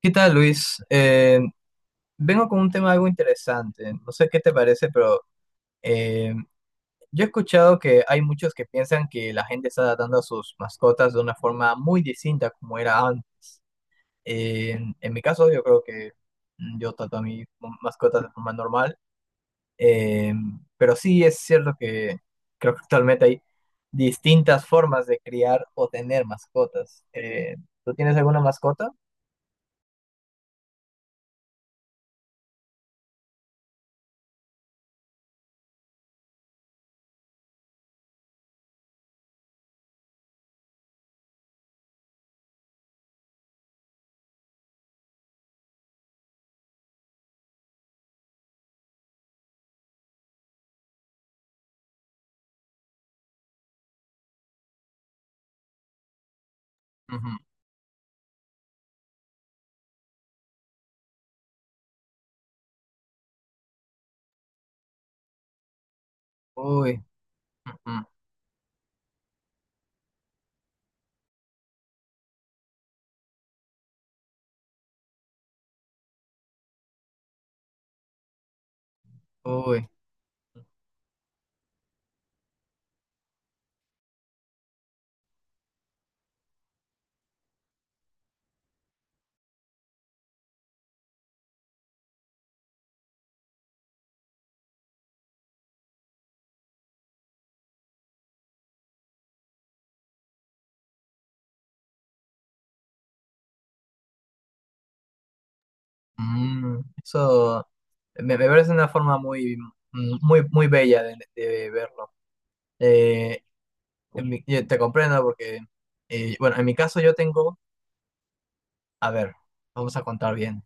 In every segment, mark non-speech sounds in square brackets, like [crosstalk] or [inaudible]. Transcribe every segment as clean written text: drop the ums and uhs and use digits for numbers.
¿Qué tal, Luis? Vengo con un tema algo interesante. No sé qué te parece, pero eh, yo he escuchado que hay muchos que piensan que la gente está tratando a sus mascotas de una forma muy distinta como era antes. En mi caso, yo creo que yo trato a mis mascotas de forma normal, eh, pero sí es cierto que creo que actualmente hay distintas formas de criar o tener mascotas. ¿Tú tienes alguna mascota? Ujú. Uy, ujú, uy. Mm, eso me parece una forma muy bella de verlo. Eh, yo te comprendo porque, bueno, en mi caso yo tengo, a ver, vamos a contar bien.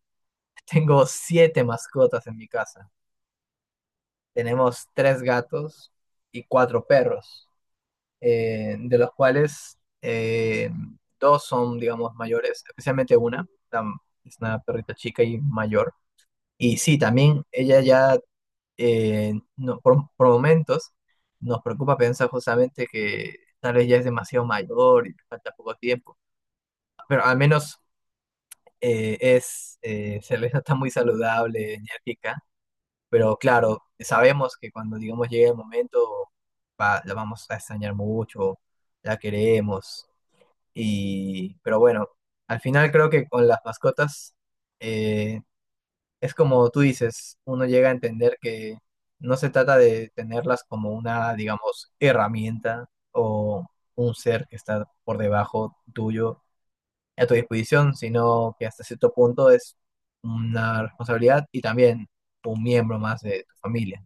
[laughs] Tengo siete mascotas en mi casa. Tenemos tres gatos y cuatro perros, de los cuales dos son, digamos, mayores, especialmente una, es una perrita chica y mayor. Y sí, también ella ya por momentos nos preocupa pensar justamente que tal vez ya es demasiado mayor y le falta poco tiempo, pero al menos se le está muy saludable, enérgica, pero claro, sabemos que cuando digamos llegue el momento la vamos a extrañar mucho, la queremos, y, pero bueno, al final creo que con las mascotas... eh, es como tú dices, uno llega a entender que no se trata de tenerlas como una, digamos, herramienta o un ser que está por debajo tuyo a tu disposición, sino que hasta cierto punto es una responsabilidad y también un miembro más de tu familia.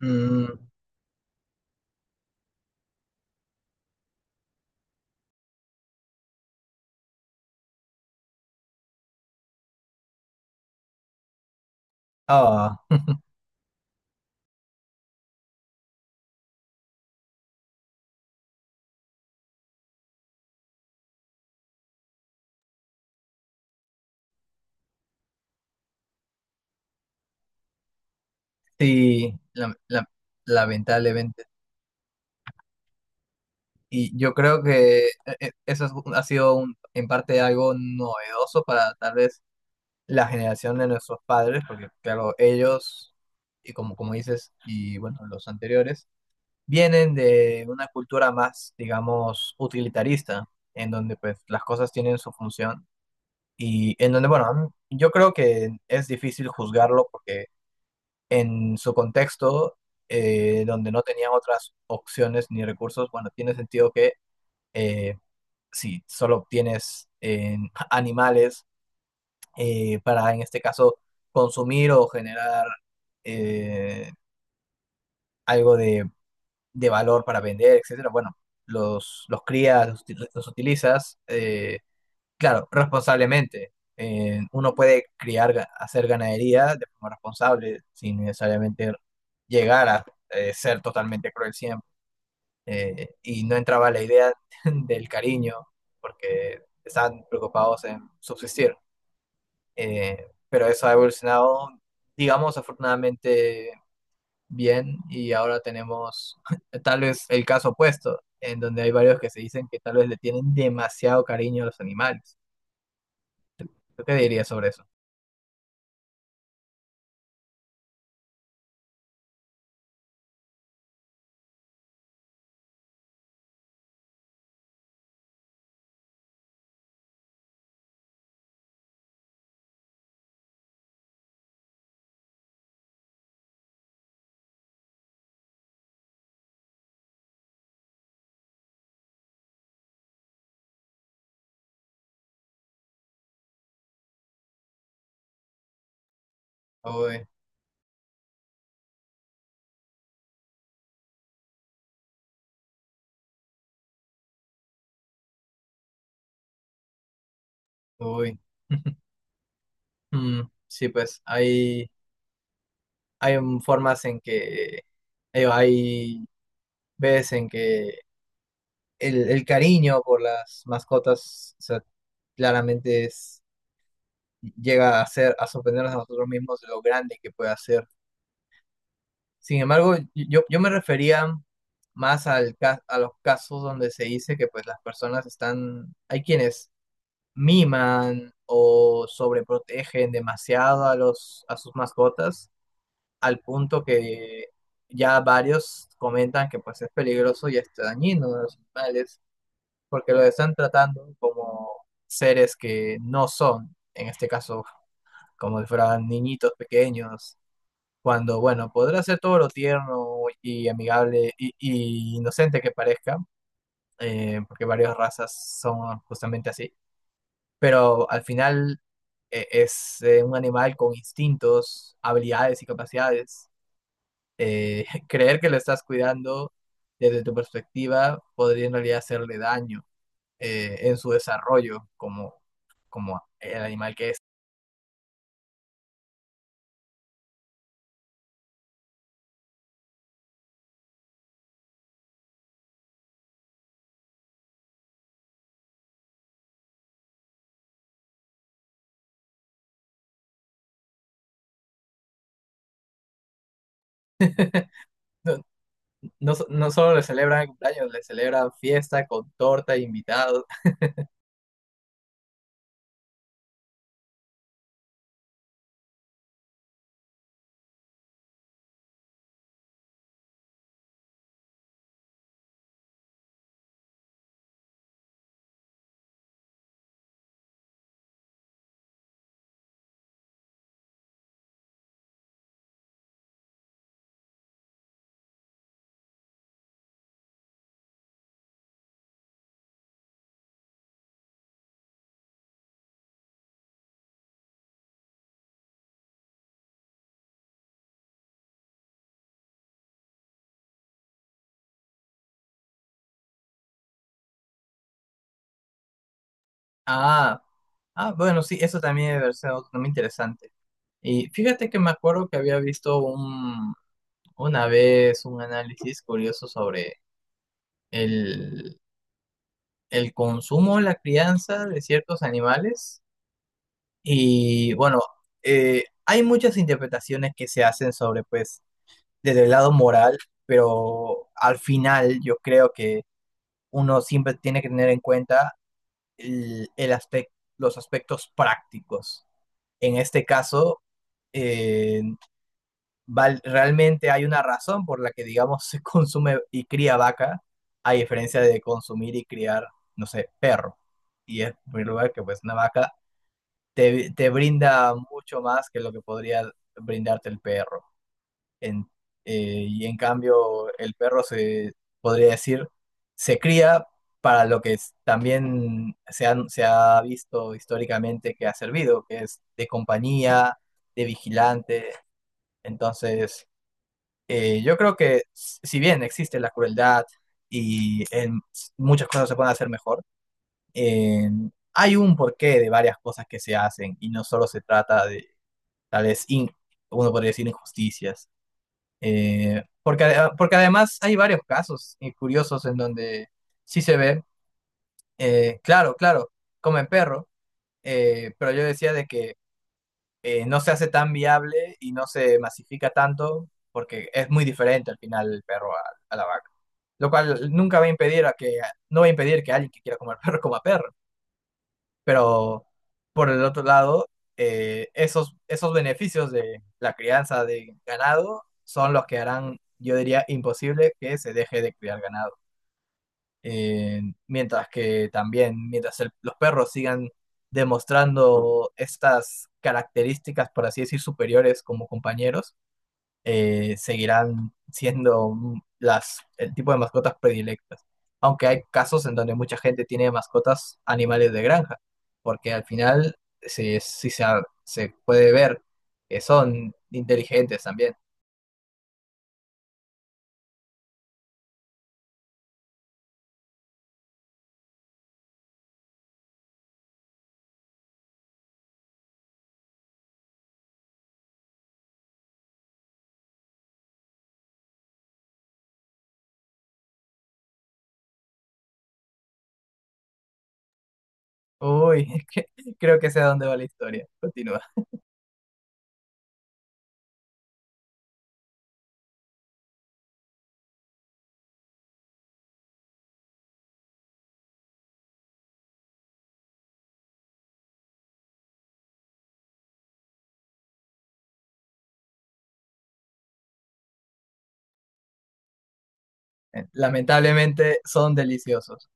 Mm, ah, sí, lamentablemente. Y yo creo que ha sido en parte algo novedoso para tal vez la generación de nuestros padres, porque claro, ellos, y como, como dices, y bueno, los anteriores, vienen de una cultura más, digamos, utilitarista, en donde pues las cosas tienen su función y en donde, bueno, yo creo que es difícil juzgarlo porque en su contexto, donde no tenían otras opciones ni recursos, bueno, tiene sentido que eh, si solo obtienes [laughs] animales, para, en este caso, consumir o generar eh, algo de valor para vender, etcétera. Bueno, los crías, los utilizas, claro, responsablemente. Uno puede criar, hacer ganadería de forma responsable, sin necesariamente llegar a ser totalmente cruel siempre. Y no entraba la idea [laughs] del cariño, porque estaban preocupados en subsistir. Pero eso ha evolucionado, digamos, afortunadamente bien y ahora tenemos [laughs] tal vez el caso opuesto, en donde hay varios que se dicen que tal vez le tienen demasiado cariño a los animales. ¿Tú qué dirías sobre eso? Uy, uy. [laughs] Mm, sí, formas en que, digo, hay veces en que el cariño por las mascotas, o sea, claramente es... llega a ser, a sorprendernos a nosotros mismos de lo grande que puede hacer. Sin embargo, yo me refería más al, a los casos donde se dice que pues las personas están, hay quienes miman o sobreprotegen demasiado a los, a sus mascotas, al punto que ya varios comentan que pues es peligroso y es dañino a los animales, porque lo están tratando como seres que no son, en este caso como si fueran niñitos pequeños, cuando, bueno, podrá ser todo lo tierno y amigable y inocente que parezca, porque varias razas son justamente así, pero al final es un animal con instintos, habilidades y capacidades. [laughs] Creer que lo estás cuidando desde tu perspectiva podría en realidad hacerle daño en su desarrollo como, como el animal que es. No, no solo le celebran cumpleaños, le celebran fiesta con torta e invitados. Ah, ah, bueno, sí, eso también debe ser otro tema interesante. Y fíjate que me acuerdo que había visto una vez un análisis curioso sobre el, el consumo, la crianza de ciertos animales. Y bueno, hay muchas interpretaciones que se hacen sobre, pues, desde el lado moral, pero al final yo creo que uno siempre tiene que tener en cuenta el, el aspec- los aspectos prácticos. En este caso, eh, realmente hay una razón por la que, digamos, [laughs] se consume y cría vaca, a diferencia de consumir y criar, no sé, perro. Y es, en primer lugar, que pues una vaca te brinda mucho más que lo que podría brindarte el perro. En- y en cambio, el perro se podría decir, se cría para lo que también se ha visto históricamente que ha servido, que es de compañía, de vigilante. Entonces, yo creo que si bien existe la crueldad y muchas cosas se pueden hacer mejor, hay un porqué de varias cosas que se hacen y no solo se trata de tal vez, uno podría decir, injusticias. Porque, porque además hay varios casos curiosos en donde sí se ve, claro, claro, comen perro, pero yo decía de que no se hace tan viable y no se masifica tanto porque es muy diferente al final el perro a la vaca, lo cual nunca va a impedir a que, no va a impedir que alguien que quiera comer [laughs] perro coma perro, pero por el otro lado, esos, esos beneficios de la crianza de ganado son los que harán, yo diría, imposible que se deje de criar ganado. Eh, Mientras que también, mientras los perros sigan demostrando estas características, por así decir, superiores como compañeros, seguirán siendo las, el tipo de mascotas predilectas. Aunque hay casos en donde mucha gente tiene mascotas animales de granja, porque al final sí, se puede ver que son inteligentes también. Uy, [laughs] que creo que sé a dónde va la historia. Continúa. Lamentablemente son deliciosos.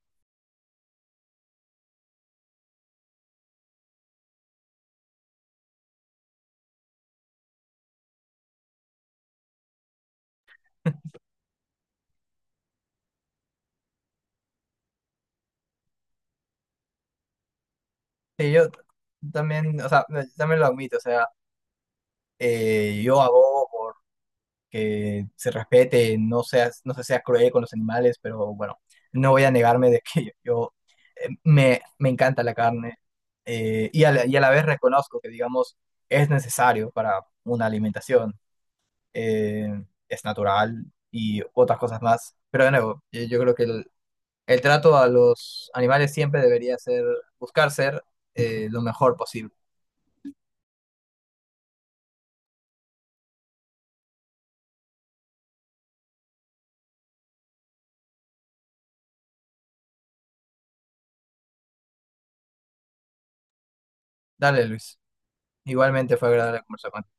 Sí, yo también, o sea, también lo admito, o sea, yo abogo por que se respete, no se sea cruel con los animales, pero bueno, no voy a negarme de que [laughs] yo, me encanta la carne y, y a la vez reconozco que, digamos, es necesario para una alimentación, eh, es natural y otras cosas más, pero de nuevo, yo creo que el trato a los animales siempre debería ser buscar ser lo mejor posible. Dale, Luis. Igualmente fue agradable conversar contigo.